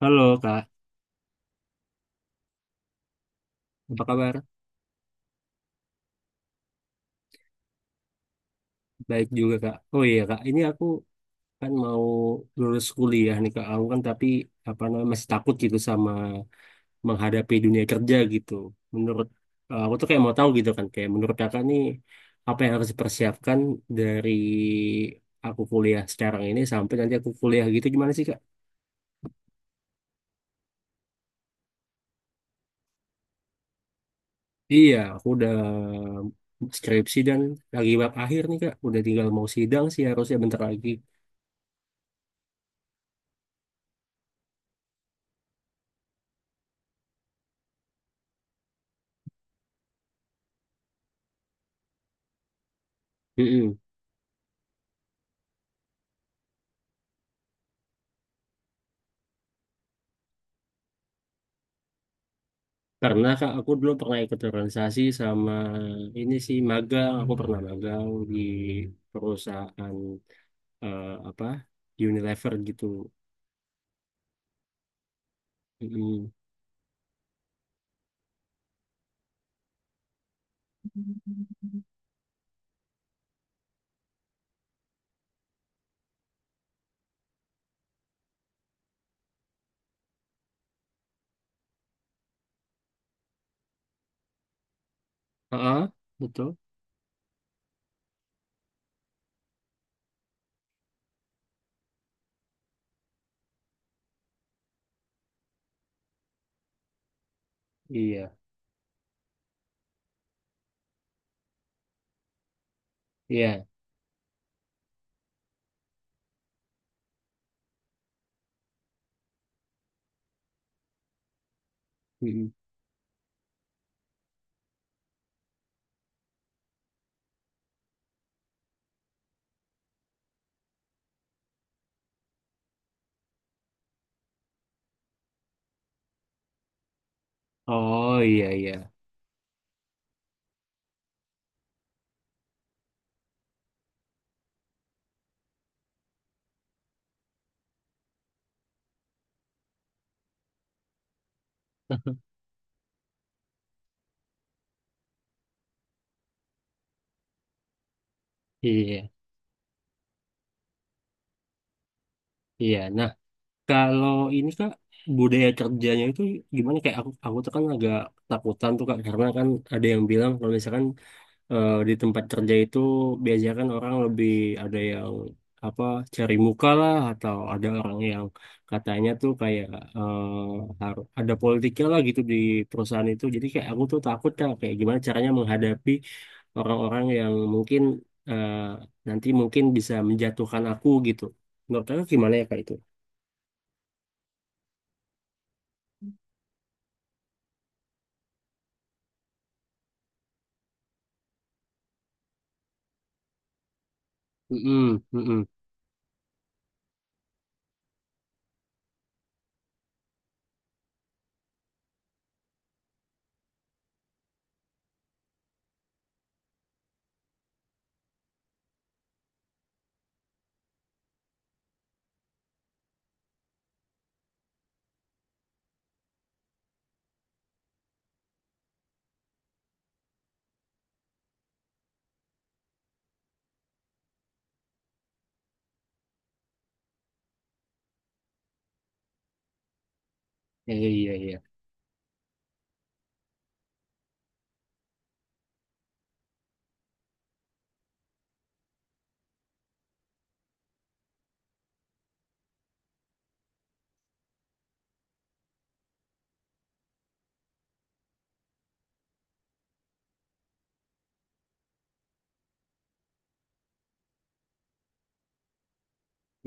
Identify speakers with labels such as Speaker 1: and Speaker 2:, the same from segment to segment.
Speaker 1: Halo Kak, apa kabar? Baik juga Kak. Oh iya Kak, ini aku kan mau lulus kuliah nih Kak. Aku kan tapi apa namanya masih takut gitu sama menghadapi dunia kerja gitu. Menurut aku tuh kayak mau tahu gitu kan, kayak menurut Kakak nih apa yang harus dipersiapkan dari aku kuliah sekarang ini sampai nanti aku kuliah gitu gimana sih Kak? Iya, aku udah skripsi dan lagi bab akhir nih Kak. Udah tinggal mau sidang sih harusnya bentar lagi. Karena Kak, aku dulu pernah ikut organisasi sama ini sih magang. Aku pernah magang di perusahaan eh, apa Unilever gitu. mm Heeh, betul. Iya, iya. mm Oh iya iya. Iya, iya. Nah, kalau ini Kak, budaya kerjanya itu gimana? Kayak aku tuh kan agak takutan tuh Kak, karena kan ada yang bilang kalau misalkan di tempat kerja itu biasanya kan orang lebih ada yang apa cari muka lah atau ada orang yang katanya tuh kayak harus ada politiknya lah gitu di perusahaan itu. Jadi kayak aku tuh takut lah kayak gimana caranya menghadapi orang-orang yang mungkin eh, nanti mungkin bisa menjatuhkan aku gitu. Menurut kamu gimana ya kayak itu? Mm-mm, mm-mm. Iya, iya, iya.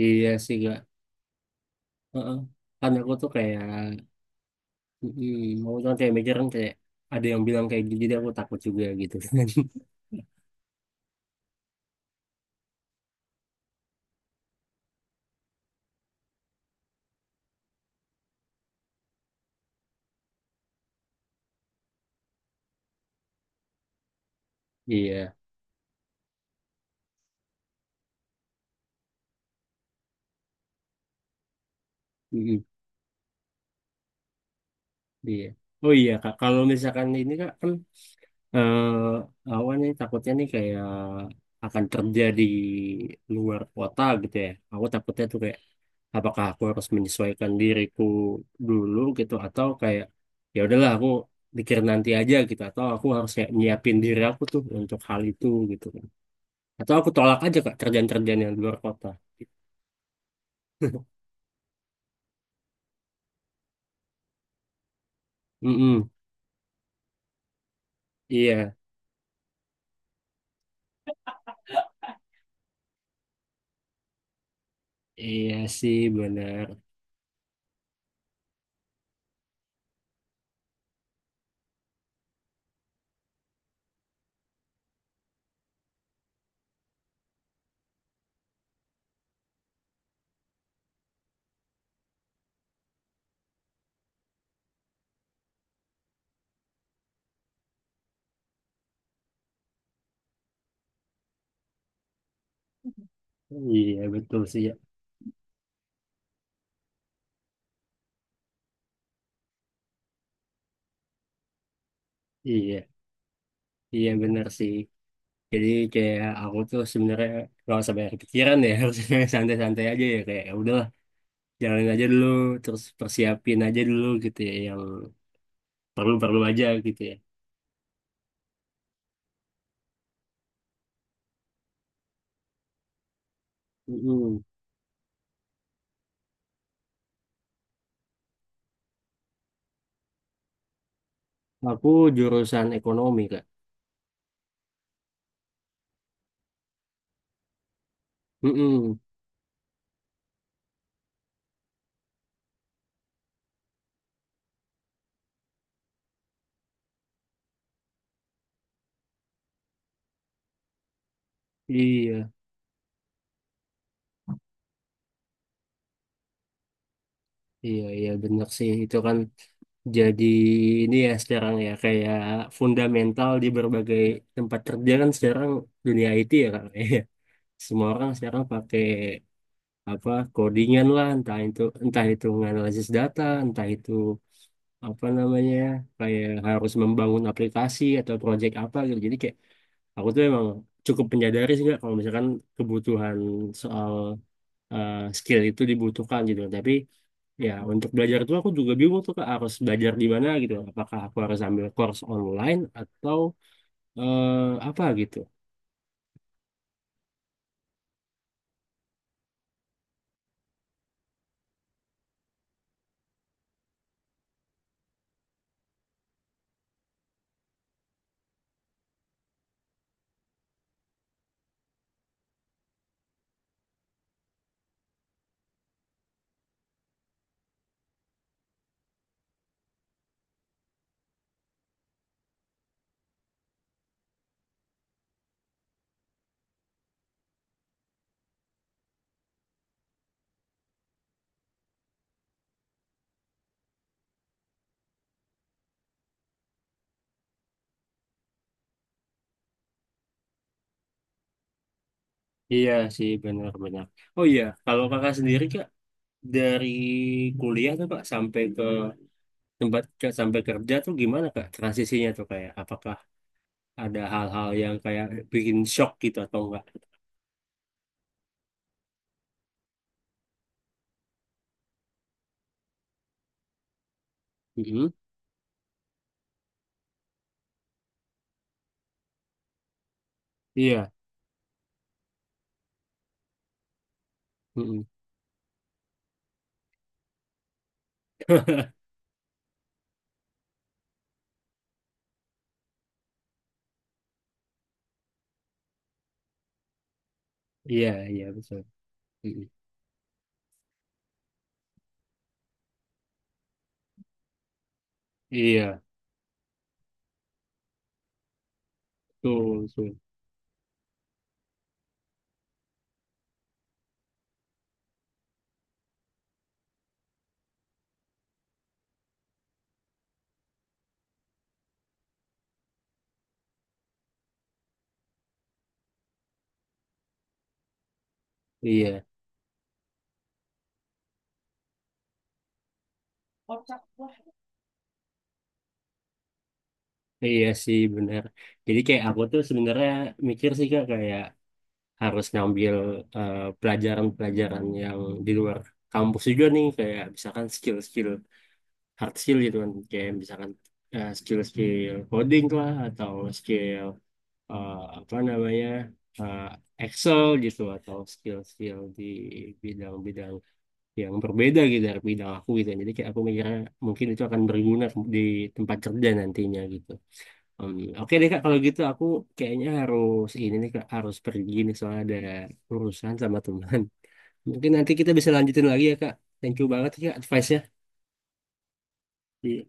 Speaker 1: Iya sih, Kak. Heeh. Kan aku tuh kayak mm-mm. Maksudnya kayak mikir kan kayak ada yang bilang kayak gitu, jadi aku takut juga gitu kan. Iya, mm-mm. Iya. Oh iya kak, kalau misalkan ini kak kan eh awan nih takutnya nih kayak akan kerja di luar kota gitu ya. Aku takutnya tuh kayak apakah aku harus menyesuaikan diriku dulu gitu atau kayak ya udahlah aku pikir nanti aja gitu atau aku harus kayak nyiapin diri aku tuh untuk hal itu gitu kan. Atau aku tolak aja kak kerjaan-kerjaan yang di luar kota. Mm-mm. Iya, iya sih benar. Iya betul sih ya. Iya, iya benar sih. Jadi kayak aku tuh sebenarnya nggak usah banyak pikiran ya, harusnya santai-santai aja ya kayak ya udahlah jalanin aja dulu, terus persiapin aja dulu gitu ya yang perlu-perlu aja gitu ya. Mm-mm. Aku jurusan ekonomi Kak. Mm-mm. Iya. Iya, iya benar sih. Itu kan jadi ini ya sekarang ya kayak fundamental di berbagai tempat kerja kan sekarang dunia IT ya Kak. Iya. Semua orang sekarang pakai apa codingan lah entah itu menganalisis data, entah itu apa namanya ya, kayak harus membangun aplikasi atau project apa gitu. Jadi kayak aku tuh emang cukup menyadari sih nggak kalau misalkan kebutuhan soal skill itu dibutuhkan gitu. Tapi ya, untuk belajar itu aku juga bingung tuh Kak, harus belajar di mana gitu. Apakah aku harus ambil course online atau apa gitu? Iya sih, benar-benar. Oh iya, kalau kakak sendiri Kak, dari kuliah tuh Kak sampai ke sampai kerja tuh gimana Kak transisinya tuh kayak apakah ada hal-hal yang kayak bikin shock gitu atau enggak? mm Iya. mm Iya, iya betul. mm Iya, tuh, tuh. Iya. Iya sih bener. Jadi kayak aku tuh sebenarnya mikir sih kak kayak harus ngambil pelajaran-pelajaran yang di luar kampus juga nih kayak misalkan skill-skill hard skill gitu kan kayak misalkan skill-skill coding lah atau skill eh, apa namanya eh, Excel gitu atau skill-skill di bidang-bidang yang berbeda gitu dari bidang aku gitu. Jadi kayak aku mikirnya mungkin itu akan berguna di tempat kerja nantinya gitu. Om. Oke deh Kak, kalau gitu aku kayaknya harus ini nih Kak, harus pergi nih soalnya ada urusan sama teman. Mungkin nanti kita bisa lanjutin lagi ya Kak. Thank you banget ya Kak advice-nya. Iya.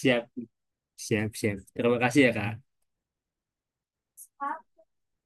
Speaker 1: Siap, siap, siap. Terima kasih ya Kak.